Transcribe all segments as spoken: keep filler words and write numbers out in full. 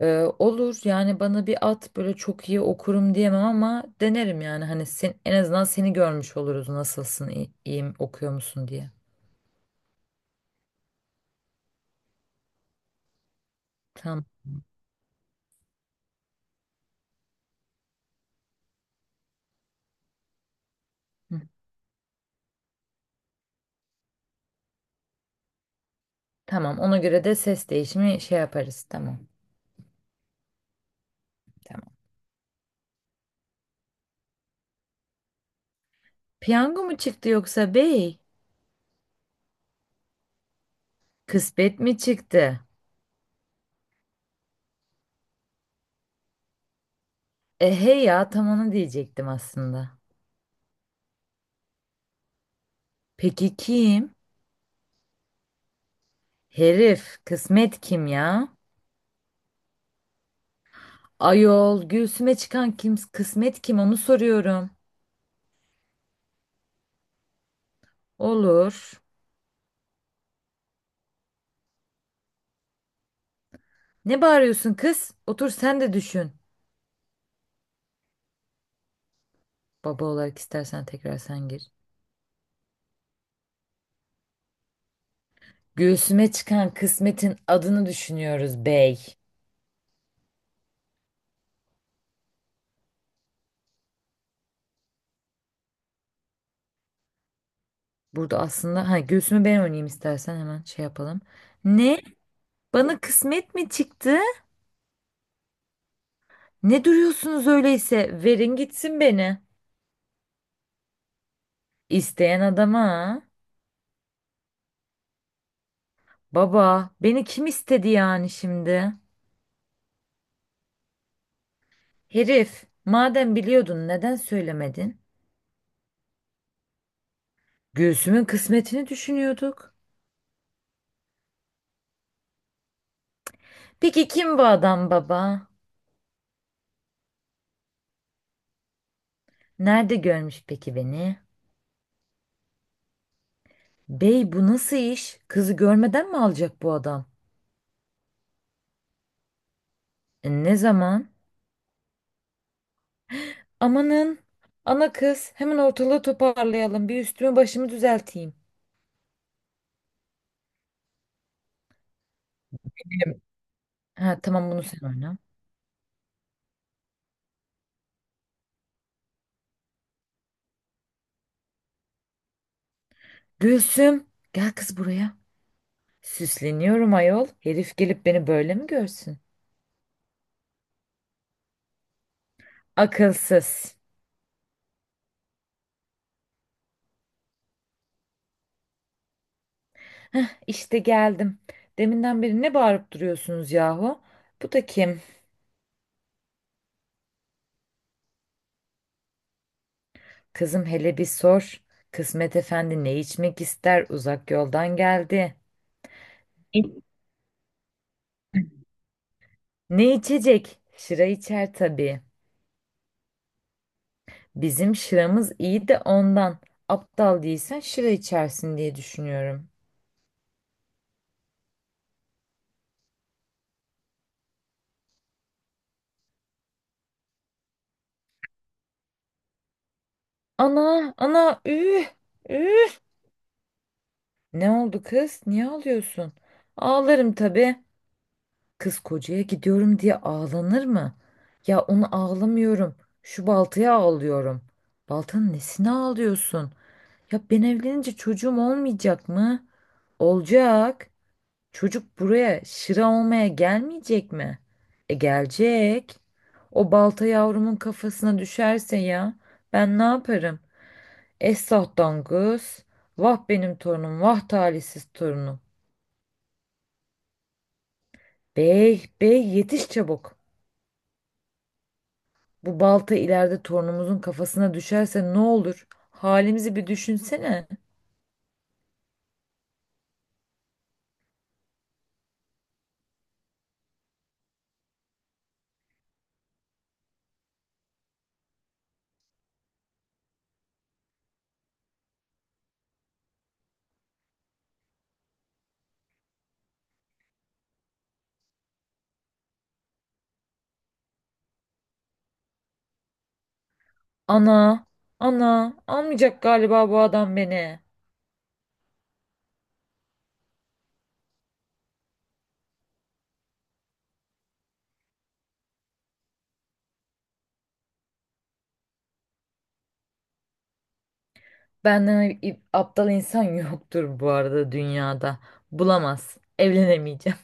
Ee, olur yani bana bir at böyle çok iyi okurum diyemem ama denerim yani hani sen, en azından seni görmüş oluruz nasılsın iyi, iyiyim okuyor musun diye. Tamam. Hı. Tamam ona göre de ses değişimi şey yaparız tamam. Tamam. Piyango mu çıktı yoksa bey? Kısmet mi çıktı? E hey ya tam onu diyecektim aslında. Peki kim? Herif kısmet kim ya? Ayol göğsüme çıkan kim kısmet kim onu soruyorum. Olur. Ne bağırıyorsun kız? Otur sen de düşün. Baba olarak istersen tekrar sen gir. Göğsüme çıkan kısmetin adını düşünüyoruz bey. Burada aslında ha göğsümü ben oynayayım istersen hemen şey yapalım. Ne? Bana kısmet mi çıktı? Ne duruyorsunuz öyleyse? Verin gitsin beni. İsteyen adama. Ha? Baba, beni kim istedi yani şimdi? Herif, madem biliyordun neden söylemedin? Göğsümün kısmetini düşünüyorduk. Peki kim bu adam baba? Nerede görmüş peki beni? Bey bu nasıl iş? Kızı görmeden mi alacak bu adam? E, ne zaman? Amanın. Ana kız hemen ortalığı toparlayalım. Bir üstümü başımı düzelteyim. Ha tamam bunu sen oyna. Gülsüm gel kız buraya. Süsleniyorum ayol. Herif gelip beni böyle mi görsün? Akılsız. İşte geldim. Deminden beri ne bağırıp duruyorsunuz yahu? Bu da kim? Kızım hele bir sor. Kısmet Efendi ne içmek ister? Uzak yoldan geldi. İ- Ne içecek? Şıra içer tabii. Bizim şıramız iyi de ondan. Aptal değilsen şıra içersin diye düşünüyorum. Ana, ana, üh, üh. Ne oldu kız? Niye ağlıyorsun? Ağlarım tabii. Kız kocaya gidiyorum diye ağlanır mı? Ya onu ağlamıyorum. Şu baltaya ağlıyorum. Baltanın nesine ağlıyorsun? Ya ben evlenince çocuğum olmayacak mı? Olacak. Çocuk buraya şıra olmaya gelmeyecek mi? E gelecek. O balta yavrumun kafasına düşerse ya ben ne yaparım? Esah dangus. Vah benim torunum, vah talihsiz torunum. Bey, bey yetiş çabuk. Bu balta ileride torunumuzun kafasına düşerse ne olur? Halimizi bir düşünsene. Ana, ana almayacak galiba bu adam beni. Benden i- aptal insan yoktur bu arada dünyada. Bulamaz. Evlenemeyeceğim.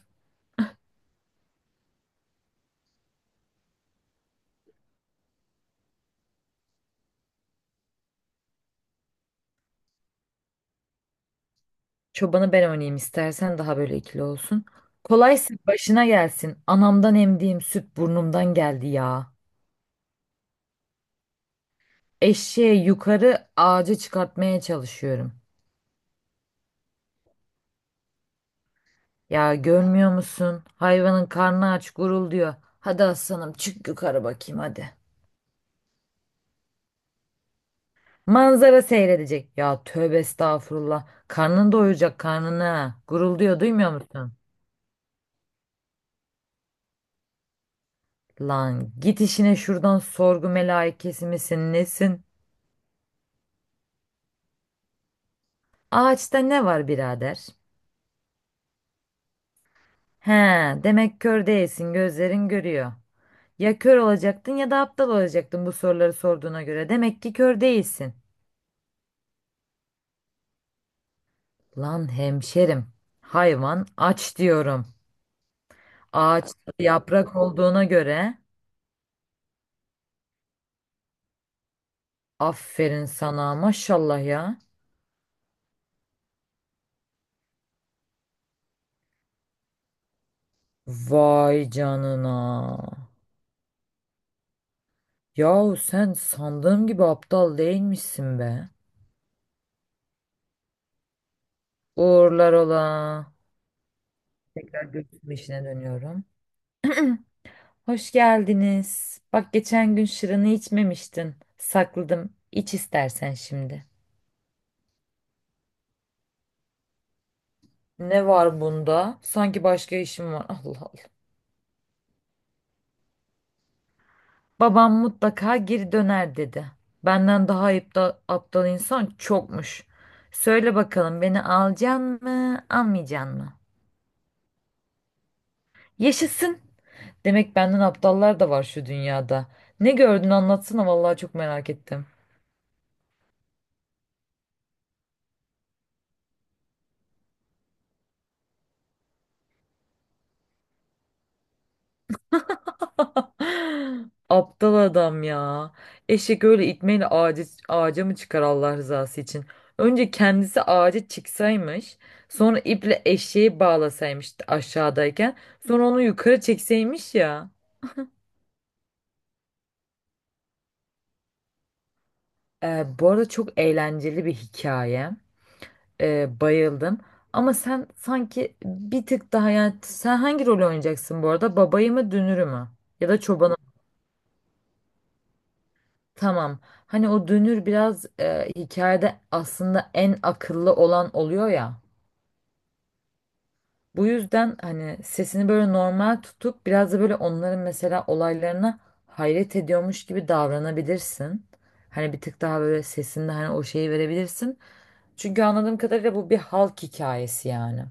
Çobanı ben oynayayım istersen daha böyle ikili olsun. Kolaysa başına gelsin. Anamdan emdiğim süt burnumdan geldi ya. Eşeği yukarı ağaca çıkartmaya çalışıyorum. Ya görmüyor musun? Hayvanın karnı aç gurulduyor. Hadi aslanım çık yukarı bakayım hadi. Manzara seyredecek. Ya tövbe estağfurullah. Karnını doyuracak karnını. Gurulduyor duymuyor musun? Lan git işine şuradan sorgu melaikesi misin nesin? Ağaçta ne var birader? He, demek kör değilsin gözlerin görüyor. Ya kör olacaktın ya da aptal olacaktın bu soruları sorduğuna göre. Demek ki kör değilsin. Lan hemşerim, hayvan aç diyorum. Ağaçta yaprak olduğuna göre aferin sana maşallah ya. Vay canına. Yahu sen sandığım gibi aptal değilmişsin be. Uğurlar ola. Tekrar görüşme işine dönüyorum. Hoş geldiniz. Bak geçen gün şırını içmemiştin. Sakladım. İç istersen şimdi. Ne var bunda? Sanki başka işim var. Allah Allah. Babam mutlaka geri döner dedi. Benden daha aptal, aptal insan çokmuş. Söyle bakalım beni alacaksın mı, almayacaksın mı? Yaşasın. Demek benden aptallar da var şu dünyada. Ne gördün anlatsana vallahi çok merak ettim. Aptal adam ya. Eşek öyle itmeyle ağacı, ağaca mı çıkar Allah rızası için? Önce kendisi ağaca çıksaymış. Sonra iple eşeği bağlasaymış aşağıdayken. Sonra onu yukarı çekseymiş ya. Ee, bu arada çok eğlenceli bir hikaye. Ee, bayıldım. Ama sen sanki bir tık daha yani sen hangi rolü oynayacaksın bu arada? Babayı mı dünürü mü? Ya da çobanı. Tamam. Hani o dönür biraz e, hikayede aslında en akıllı olan oluyor ya. Bu yüzden hani sesini böyle normal tutup biraz da böyle onların mesela olaylarına hayret ediyormuş gibi davranabilirsin. Hani bir tık daha böyle sesinde hani o şeyi verebilirsin. Çünkü anladığım kadarıyla bu bir halk hikayesi yani.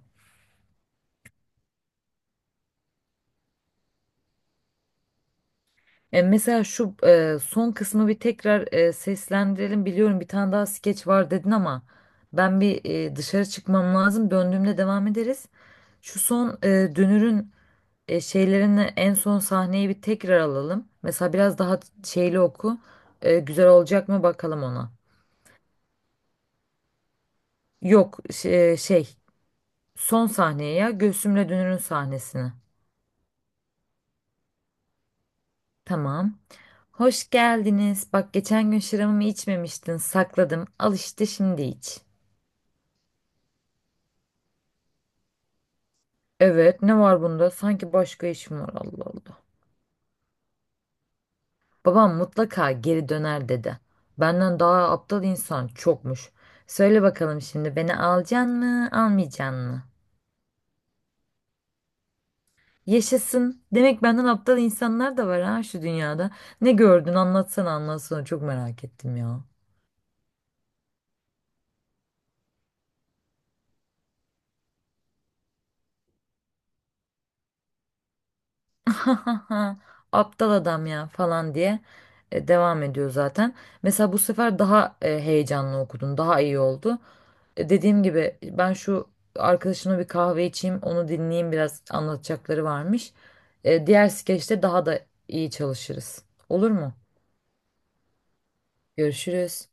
E, mesela şu e, son kısmı bir tekrar e, seslendirelim. Biliyorum bir tane daha skeç var dedin ama ben bir e, dışarı çıkmam lazım. Döndüğümde devam ederiz. Şu son e, Dünür'ün e, şeylerini en son sahneyi bir tekrar alalım. Mesela biraz daha şeyli oku. E, güzel olacak mı bakalım ona. Yok şey, şey son sahneye ya Gülsüm'le Dünür'ün sahnesini. Tamam. Hoş geldiniz. Bak geçen gün şıramımı içmemiştin. Sakladım. Al işte şimdi iç. Evet ne var bunda? Sanki başka işim var Allah Allah. Babam mutlaka geri döner dedi. Benden daha aptal insan çokmuş. Söyle bakalım şimdi beni alacaksın mı, almayacaksın mı? Yaşasın. Demek benden aptal insanlar da var ha şu dünyada. Ne gördün anlatsana anlatsana çok merak ettim ya. Aptal adam ya falan diye e, devam ediyor zaten. Mesela bu sefer daha e, heyecanlı okudun, daha iyi oldu. E, Dediğim gibi ben şu arkadaşımla bir kahve içeyim, onu dinleyeyim biraz anlatacakları varmış. E, diğer skeçte daha da iyi çalışırız. Olur mu? Görüşürüz.